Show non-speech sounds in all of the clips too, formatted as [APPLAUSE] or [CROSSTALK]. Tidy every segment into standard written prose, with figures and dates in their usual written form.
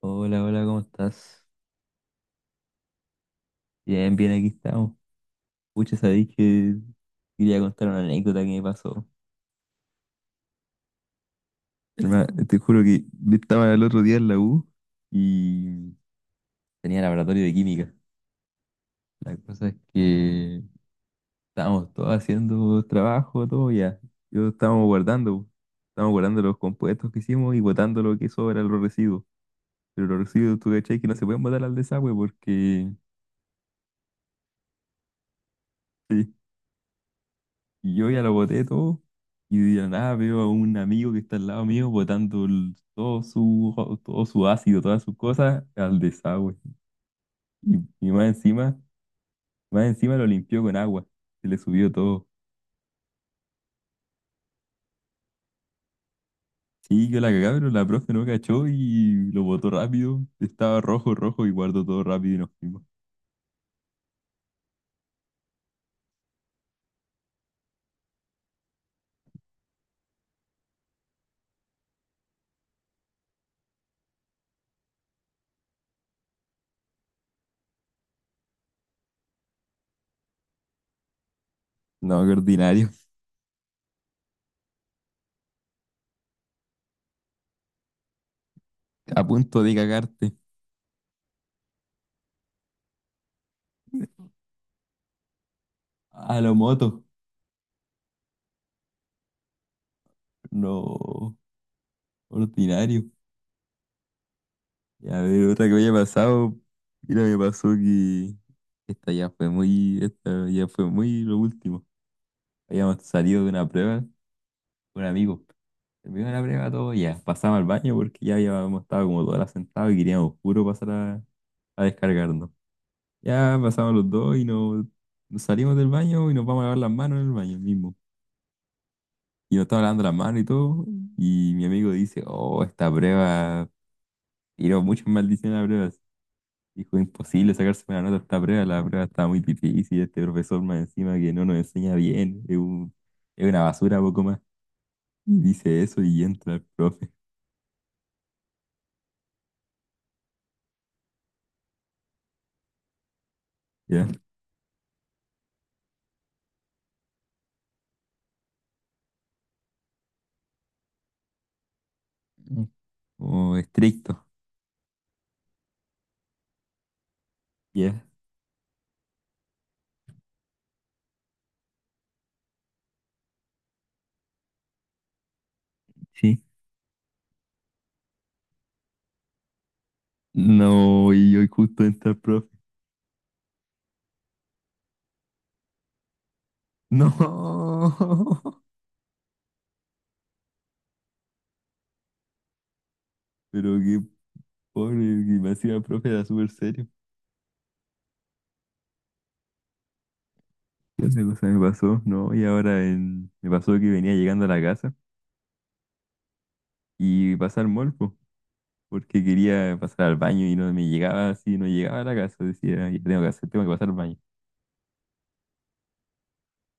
Hola, hola, ¿cómo estás? Bien, bien, aquí estamos. Pucha, sabéis que quería contar una anécdota que me pasó. Hermano, [LAUGHS] te juro que yo estaba el otro día en la U y tenía laboratorio de química. La cosa es que estábamos todos haciendo trabajo, todo ya. Yo estábamos guardando, Estábamos guardando los compuestos que hicimos y botando lo que sobra, los residuos. Pero los residuos, tú cachai, que no se pueden botar al desagüe porque. Y yo ya lo boté todo y de la nada veo a un amigo que está al lado mío botando todo su ácido, todas sus cosas al desagüe. Y, y más encima lo limpió con agua, se le subió todo. Sí, yo la cagaba pero la profe no cachó y lo botó rápido. Estaba rojo, rojo y guardó todo rápido y nos fuimos. No, qué ordinario. A punto de cagarte. A lo moto. No, ordinario. Ya, a ver, otra que me haya pasado. Mira, me pasó que esta ya fue muy lo último. Habíamos salido de una prueba con un amigo. Terminó la prueba todo, ya pasamos al baño porque ya habíamos estado como todas las sentadas y queríamos puro pasar a descargarnos. Ya pasamos los dos y nos salimos del baño y nos vamos a lavar las manos en el baño mismo. Y nos estaba lavando las manos y todo. Y mi amigo dice, oh, esta prueba, tiró muchas maldiciones a la prueba. Dijo, imposible sacarse una nota a esta prueba, la prueba está muy difícil, este profesor más encima que no nos enseña bien, es una basura poco más. Y dice eso y entra el profe, ¿ya? Como estricto, ¿ya? Sí. No, y hoy justo entra el profe. No, [LAUGHS] pero qué pobre, que me hacía el profe era súper serio. ¿Qué otra cosa me pasó? No, y ahora me pasó que venía llegando a la casa y pasa el mall, porque quería pasar al baño y no me llegaba así, no llegaba a la casa. Decía, ya tengo que hacer, tengo que pasar al baño.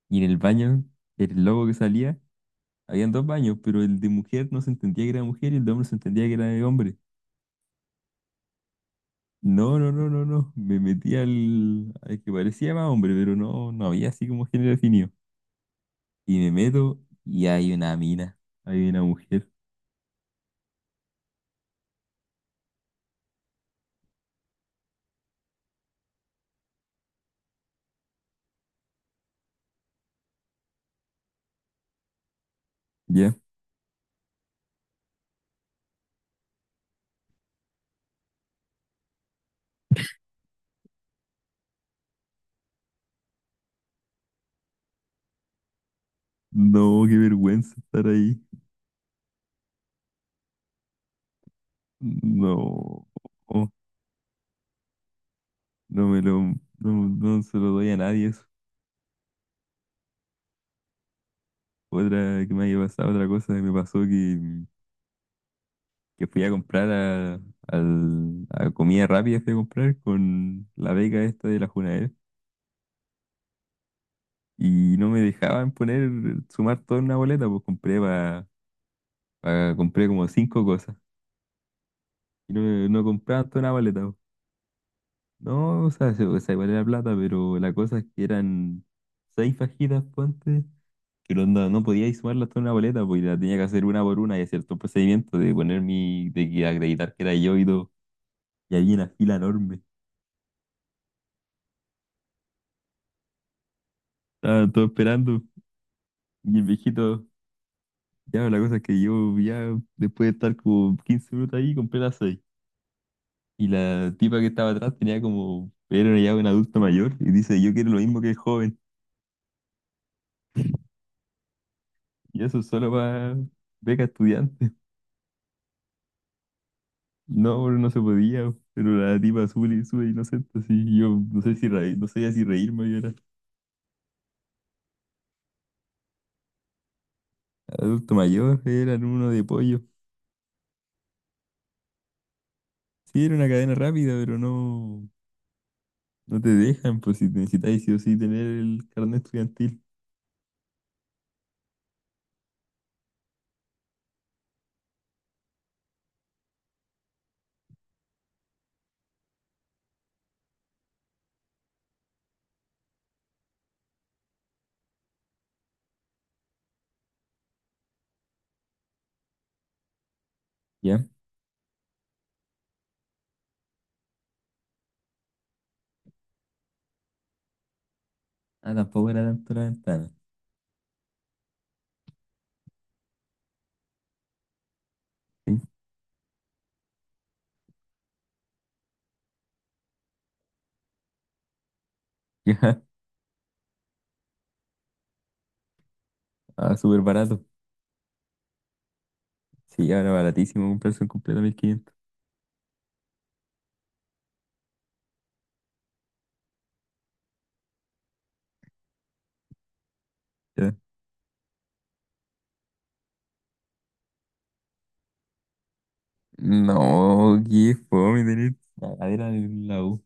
Y en el baño, el logo que salía, habían dos baños, pero el de mujer no se entendía que era mujer y el de hombre se entendía que era de hombre. No, no, no, no, no. Me metí al que parecía más hombre, pero no, no había así como género definido. Y me meto y hay una mina, hay una mujer, ¿ya? No, qué vergüenza estar ahí. No, no me lo, no, no se lo doy a nadie eso. Otra que me haya pasado, otra cosa que me pasó que fui a comprar a comida rápida, fui a comprar con la beca esta de la Junaed y no me dejaban poner, sumar toda una boleta, pues compré compré como cinco cosas y no, no compraban toda una boleta. Pues. No, o sea, o sea, igual era plata, pero la cosa es que eran seis fajitas, ponte, que no, no podía ir sumarlas toda una boleta, pues y la tenía que hacer una por una y hacer todo el procedimiento de poner mi, de que acreditar que era yo y todo. Y había una fila enorme. Estaban todos esperando. Y el viejito, ya, la cosa es que yo, ya, después de estar como 15 minutos ahí, compré las 6. Y la tipa que estaba atrás tenía como, era ya un adulto mayor. Y dice, yo quiero lo mismo que el joven. Y eso solo para beca estudiante. No, bro, no se podía. Pero la tipa sube, y sube inocente, así. Y yo no sé si reír, no sabía si reírme, yo era adulto mayor, eran uno de pollo. Sí, era una cadena rápida, pero no. No te dejan, pues si necesitáis sí o sí tener el carnet estudiantil. ¿Ya? Ah, tampoco era tanto la ventana. ¿Sí? [LAUGHS] Ya. Ah, súper barato. Sí, ahora baratísimo comprarse un completo 1.500. Ya. No, qué fome tener cagadera en la U.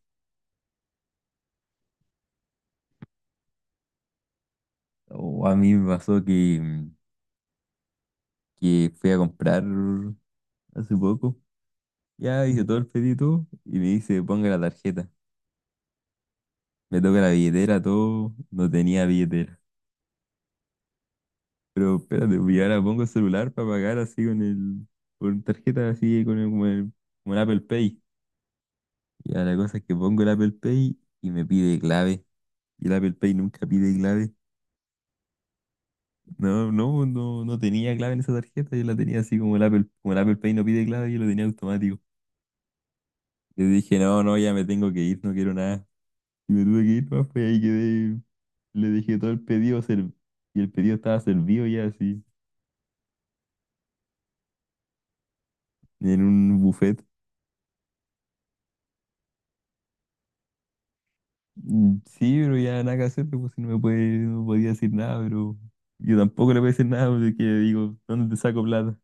O a mí me pasó que fui a comprar hace poco. Ya hice todo el pedido y me dice, ponga la tarjeta. Me toca la billetera, todo. No tenía billetera. Pero espérate, pues, y ahora pongo el celular para pagar así con el, con tarjeta así, con el, como el, como el Apple Pay. Y ahora la cosa es que pongo el Apple Pay y me pide clave. Y el Apple Pay nunca pide clave. No, no, no, no tenía clave en esa tarjeta, yo la tenía así como el Apple Pay no pide clave, yo lo tenía automático. Le dije, no, no, ya me tengo que ir, no quiero nada. Y me tuve que ir, pues, ahí quedé, le dejé todo el pedido, y el pedido estaba servido ya así, en un buffet. Mm, sí, pero ya nada que hacer, pues si no me puede, no podía decir nada, pero yo tampoco le voy a decir nada porque digo, ¿dónde te saco plata?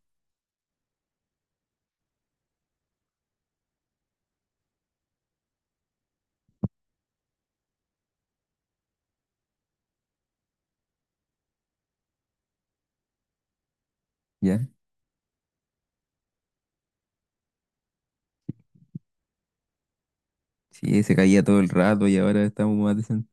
Ya, sí, se caía todo el rato y ahora estamos más decentes.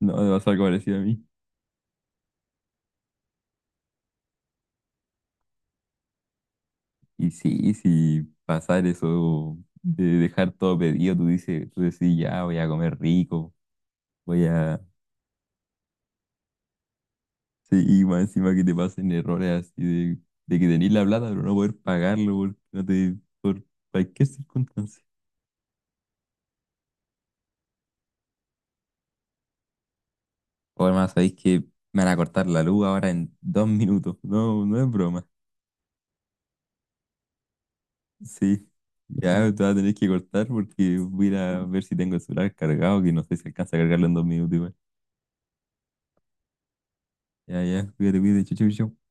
No, me pasó algo parecido a mí. Y sí, sí, pasar eso de dejar todo pedido, tú dices, tú decís, ya voy a comer rico, voy a... Sí, y más encima que te pasen errores así de, de que tenés la plata, pero no poder pagarlo por, no te, por cualquier circunstancia. O además, sabéis que me van a cortar la luz ahora en 2 minutos. No, no es broma. Sí. Ya te vas a tener que cortar porque voy a ir a ver si tengo el celular cargado, que no sé si alcanza a cargarlo en 2 minutos igual. Ya, ya, cuídate, cuídate, chau, chau, chau.